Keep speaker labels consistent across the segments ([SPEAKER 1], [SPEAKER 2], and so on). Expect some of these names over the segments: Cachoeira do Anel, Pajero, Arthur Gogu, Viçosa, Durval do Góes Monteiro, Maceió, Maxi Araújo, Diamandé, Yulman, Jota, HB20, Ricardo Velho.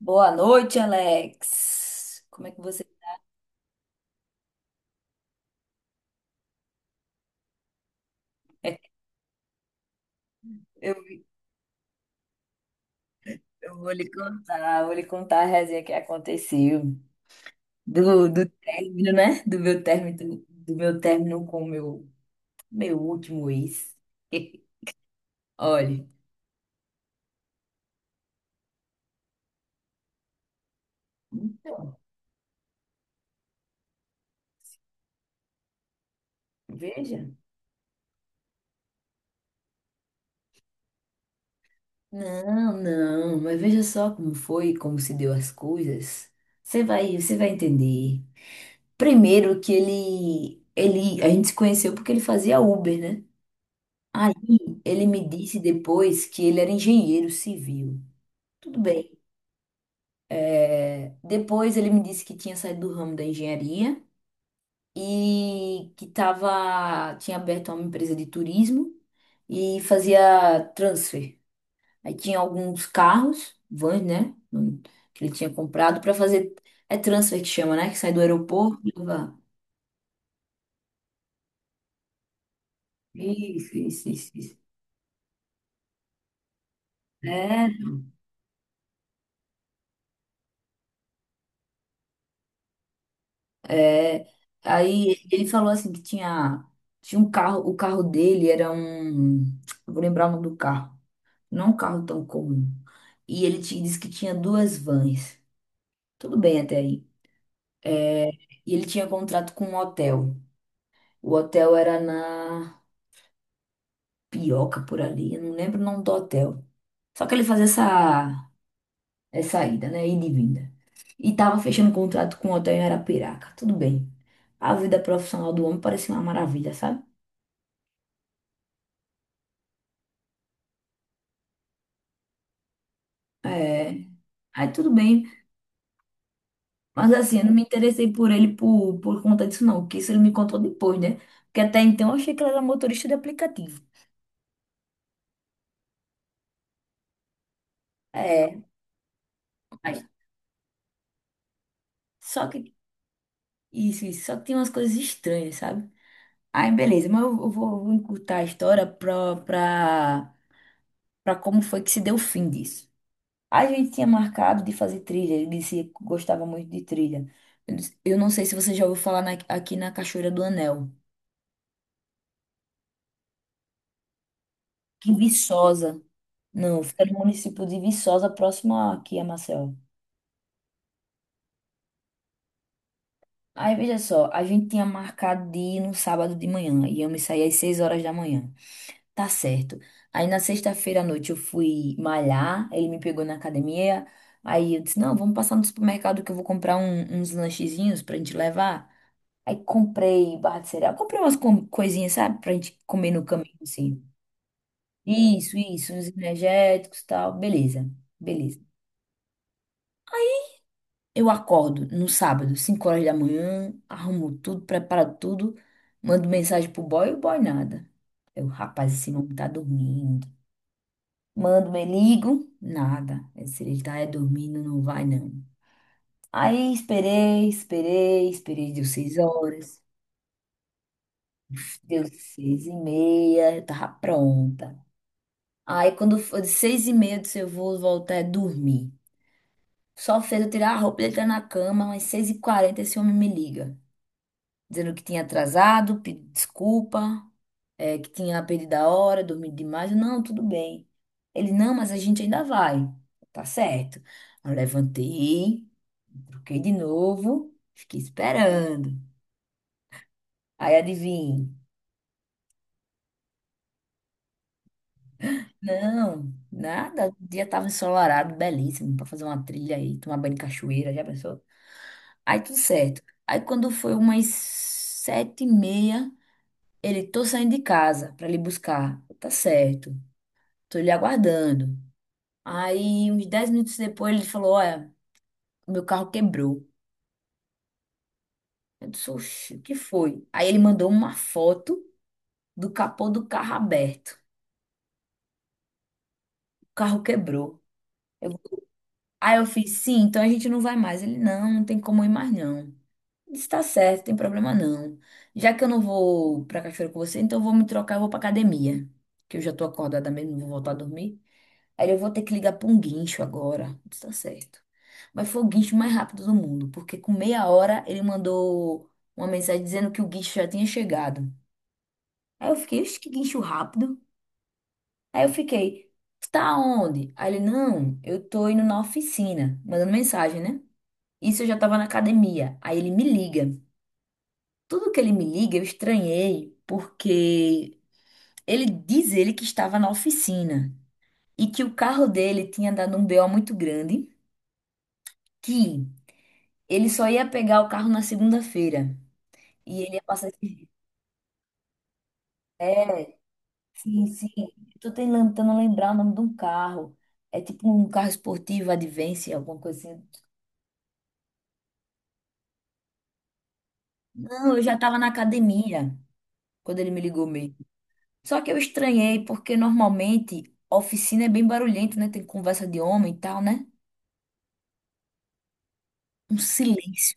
[SPEAKER 1] Boa noite, Alex. Como é que você. é, Eu, eu vou lhe contar a resenha que aconteceu do término, né? Do meu término com o meu último ex. Olha, então, veja. Não, não, mas veja só como foi, como se deu as coisas. Você vai entender. Primeiro que a gente se conheceu porque ele fazia Uber, né? Aí ele me disse depois que ele era engenheiro civil. Tudo bem. É, depois ele me disse que tinha saído do ramo da engenharia e que tinha aberto uma empresa de turismo e fazia transfer. Aí tinha alguns carros, vans, né? Que ele tinha comprado para fazer. É transfer que chama, né? Que sai do aeroporto e leva- Isso, isso. É, É, aí ele falou assim que tinha um carro, o carro dele era um, eu vou lembrar o nome do carro, não é um carro tão comum. E ele te disse que tinha duas vans. Tudo bem até aí. É, e ele tinha contrato com um hotel. O hotel era na Pioca por ali, eu não lembro o nome do hotel. Só que ele fazia essa ida, né, ida e vinda. E tava fechando contrato com o hotel em Arapiraca. Tudo bem. A vida profissional do homem parecia uma maravilha, sabe? É, aí tudo bem. Mas assim, eu não me interessei por ele por conta disso, não. Porque isso ele me contou depois, né? Porque até então eu achei que ele era motorista de aplicativo. É, mas só que isso, só que tem umas coisas estranhas, sabe? Aí beleza, mas eu vou encurtar a história pra como foi que se deu o fim disso. A gente tinha marcado de fazer trilha, ele disse que gostava muito de trilha. Eu disse, "Eu não sei se você já ouviu falar na- aqui na Cachoeira do Anel, que Viçosa. Não, fica no município de Viçosa, próximo aqui a Maceió. Aí, veja só, a gente tinha marcado de ir no sábado de manhã, e eu me saí às 6 horas da manhã. Tá certo. Aí, na sexta-feira à noite, eu fui malhar, ele me pegou na academia, aí eu disse, não, vamos passar no supermercado que eu vou comprar um- uns lanchezinhos pra gente levar. Aí, comprei barra de cereal, comprei umas co- coisinhas, sabe, pra gente comer no caminho, assim. Isso, uns energéticos e tal, beleza. Eu acordo no sábado, 5 horas da manhã, arrumo tudo, preparo tudo, mando mensagem pro boy, o boy nada. Eu, rapaz, esse homem tá dormindo. Mando, me ligo, nada. Se ele tá é dormindo, não vai não. Aí esperei, esperei, esperei, deu 6 horas, deu seis e meia, eu tava pronta. Aí quando foi de 6 e meia, eu disse, eu vou voltar a dormir. Só fez eu tirar a roupa, ele tá na cama, mas 6 e 40 esse homem me liga, dizendo que tinha atrasado, pedindo desculpa, é, que tinha perdido a hora, dormido demais. Eu, não, tudo bem. Ele, não, mas a gente ainda vai. Tá certo. Eu levantei, troquei de novo, fiquei esperando. Aí adivinha? Não, nada. O dia estava ensolarado, belíssimo, para fazer uma trilha aí, tomar banho de cachoeira, já pensou? Aí tudo certo. Aí quando foi umas sete e meia, ele, tô saindo de casa para lhe buscar. Eu, tá certo. Tô lhe aguardando. Aí, uns 10 minutos depois, ele falou: olha, meu carro quebrou. Eu disse: oxi, o que foi? Aí ele mandou uma foto do capô do carro aberto. O carro quebrou. Eu- Aí eu fiz: sim, então a gente não vai mais. Ele: não, não tem como ir mais não. Eu disse: tá certo, não tem problema não. Já que eu não vou pra cachoeira com você, então eu vou me trocar e vou pra academia. Que eu já tô acordada mesmo, não vou voltar a dormir. Aí eu vou ter que ligar para um guincho agora. Isso tá certo. Mas foi o guincho mais rápido do mundo, porque com meia hora ele mandou uma mensagem dizendo que o guincho já tinha chegado. Aí eu fiquei, "Ixi, que guincho rápido. Aí eu fiquei, "Tu tá onde? Aí ele, não, eu tô indo na oficina, mandando mensagem, né? Isso eu já tava na academia. Aí ele me liga. Tudo que ele me liga, eu estranhei, porque ele diz ele que estava na oficina e que o carro dele tinha dado um BO muito grande, que ele só ia pegar o carro na segunda-feira. E ele ia passar aqui. É, sim. Tô tentando lembrar o nome de um carro. É tipo um carro esportivo, Advance, alguma coisa assim. Não, eu já tava na academia quando ele me ligou mesmo. Só que eu estranhei, porque normalmente a oficina é bem barulhento, né? Tem conversa de homem e tal, né? Um silêncio.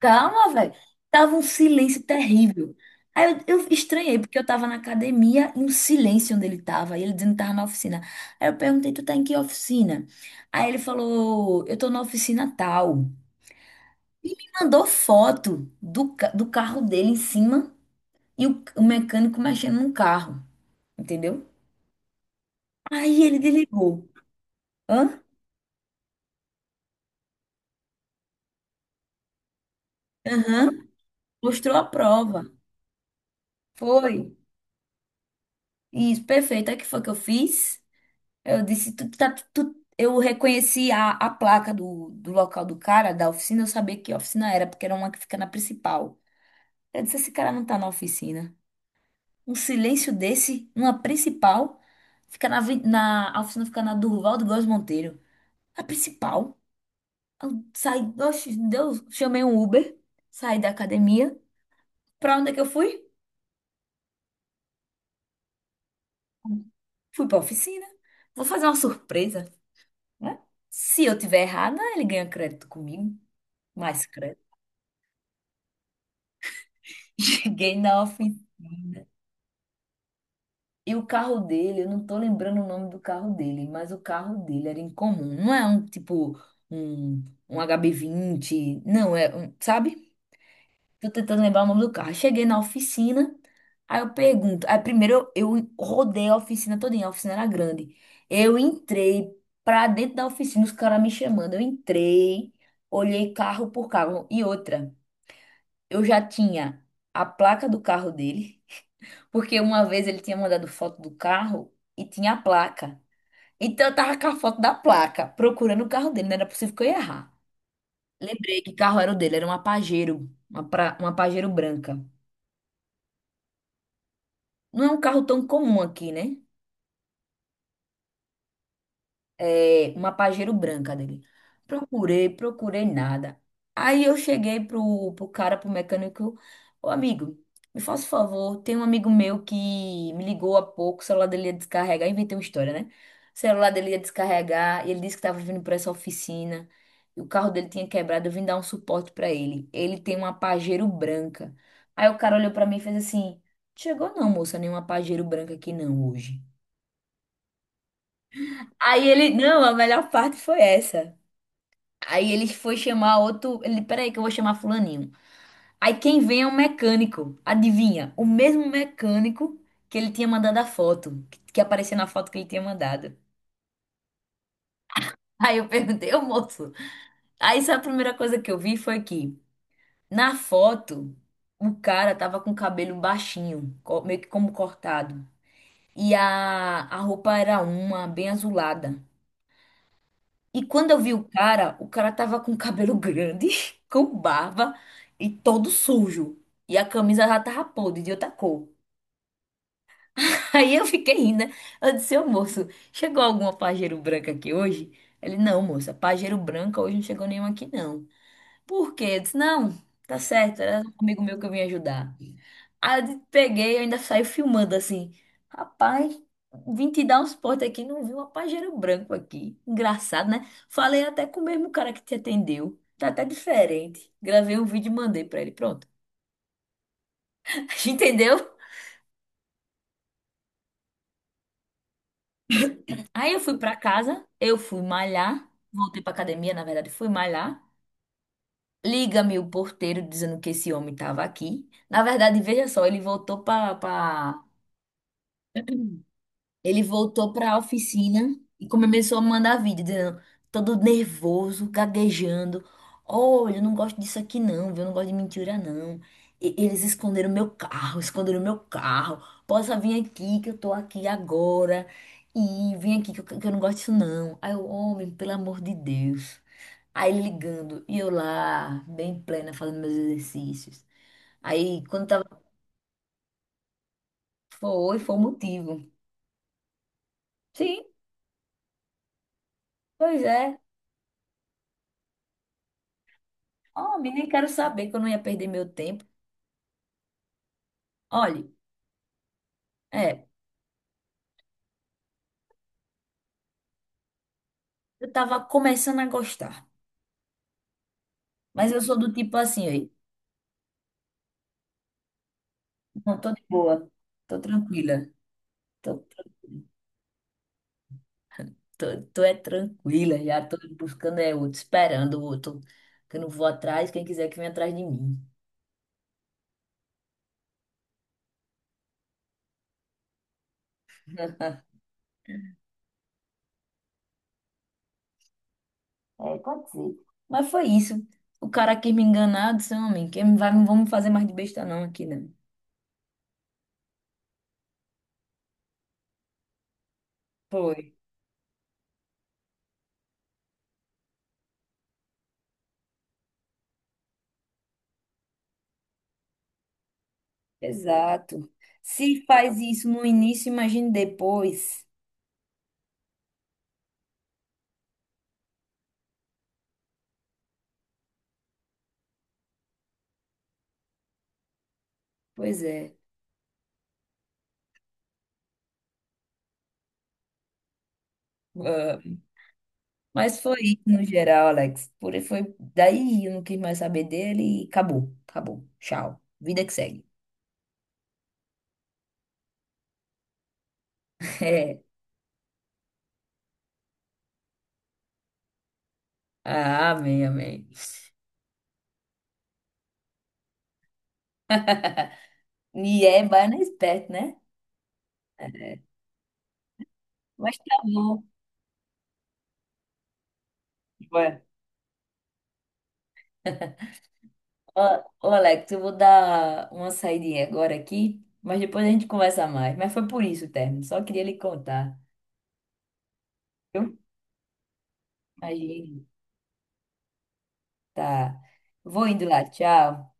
[SPEAKER 1] Calma, velho. Tava um silêncio terrível. Aí eu estranhei, porque eu tava na academia e um silêncio onde ele tava. E ele dizendo que tava na oficina. Aí eu perguntei, tu tá em que oficina? Aí ele falou, eu tô na oficina tal. E mandou foto do, ca- do carro dele em cima e o mecânico mexendo no carro. Entendeu? Aí ele desligou. Hã? Aham. Mostrou a prova. Foi. Isso, perfeito. Aí o que foi que eu fiz? Eu disse, tu, tá, tu, eu reconheci a placa do local do cara, da oficina, eu sabia que oficina era, porque era uma que fica na principal. Eu disse, esse cara não tá na oficina. Um silêncio desse, numa principal, fica na, aven- na, a oficina fica na Durval do Góes Monteiro. A principal. Eu saí, oxe, Deus, chamei um Uber, saí da academia. Pra onde é que eu fui? Fui pra oficina. Vou fazer uma surpresa, né? Se eu tiver errada, ele ganha crédito comigo. Mais cheguei na oficina. E o carro dele, eu não tô lembrando o nome do carro dele, mas o carro dele era incomum. Não é um tipo um HB20, não é, um, sabe? Tô tentando lembrar o nome do carro. Cheguei na oficina, aí eu pergunto. Aí primeiro eu rodei a oficina todinha, a oficina era grande. Eu entrei pra dentro da oficina, os caras me chamando. Eu entrei, olhei carro por carro. E outra. Eu já tinha a placa do carro dele, porque uma vez ele tinha mandado foto do carro e tinha a placa. Então eu tava com a foto da placa, procurando o carro dele, não era possível que eu ia errar. Lembrei que carro era o dele, era uma Pajero, uma Pajero branca. Não é um carro tão comum aqui, né? É, uma Pajero branca dele. Procurei, procurei nada. Aí eu cheguei pro cara, pro mecânico, ô amigo, me faça um favor, tem um amigo meu que me ligou há pouco, o celular dele ia descarregar, inventei uma história, né? O celular dele ia descarregar, e ele disse que tava vindo pra essa oficina, e o carro dele tinha quebrado, eu vim dar um suporte pra ele. Ele tem uma Pajero branca. Aí o cara olhou pra mim e fez assim, chegou não, moça, nenhuma Pajero branca aqui não hoje. Aí ele, não, a melhor parte foi essa. Aí ele foi chamar outro. Ele, peraí, que eu vou chamar fulaninho. Aí quem vem é um mecânico. Adivinha? O mesmo mecânico que ele tinha mandado a foto. Que aparecia na foto que ele tinha mandado. Aí eu perguntei, ô moço. Aí sabe a primeira coisa que eu vi foi que na foto o cara tava com o cabelo baixinho, co- meio que como cortado. E a roupa era uma, bem azulada. E quando eu vi o cara tava com cabelo grande, com barba e todo sujo. E a camisa já tava podre, de outra cor. Aí eu fiquei rindo, né? Eu disse, ô moço, chegou alguma pajeiro branca aqui hoje? Ele, não, moça, pajeiro branca hoje não chegou nenhuma aqui não. Por quê? Eu disse, não, tá certo, era um amigo meu que eu vim ajudar. Aí eu peguei, eu ainda saí filmando assim. Rapaz, vim te dar um suporte aqui, não vi um pajeiro branco aqui. Engraçado, né? Falei até com o mesmo cara que te atendeu. Tá até diferente. Gravei um vídeo e mandei pra ele. Pronto. Entendeu? Aí eu fui pra casa, eu fui malhar. Voltei pra academia, na verdade, fui malhar. Liga-me o porteiro dizendo que esse homem tava aqui. Na verdade, veja só, ele voltou para ele voltou para a oficina e começou a mandar vídeo, dizendo, todo nervoso, gaguejando. Olha, eu não gosto disso aqui não, viu? Eu não gosto de mentira não. E- eles esconderam meu carro, esconderam meu carro. Possa vir aqui que eu tô aqui agora. E vem aqui que eu não gosto disso não. Aí o homem, pelo amor de Deus. Aí ele ligando, e eu lá, bem plena, fazendo meus exercícios. Aí, quando tava. Foi o motivo. Sim, pois é. Homem, nem quero saber que eu não ia perder meu tempo. Olha, é, eu tava começando a gostar, mas eu sou do tipo assim, aí, não tô de boa, tô tranquila, tô, tranquila, tô é tranquila, já tô buscando é outro, esperando o outro, que eu não vou atrás, quem quiser que venha atrás de mim. É, aconteceu. Mas foi isso. O cara quis me enganar, disse, homem, que vai, não vamos fazer mais de besta não aqui, não. Foi. Exato. Se faz isso no início, imagine depois. Pois é. Ah, mas foi isso no geral, Alex. Por foi daí eu não quis mais saber dele e acabou. Tchau. Vida que segue. É. Ah, amém. E é baiana esperto, né? É. Mas tá bom. Ué. Ô, ô, Alex, eu vou dar uma saidinha agora aqui, mas depois a gente conversa mais. Mas foi por isso o término, só queria lhe contar. Viu? Imagina, tá. Vou indo lá, tchau.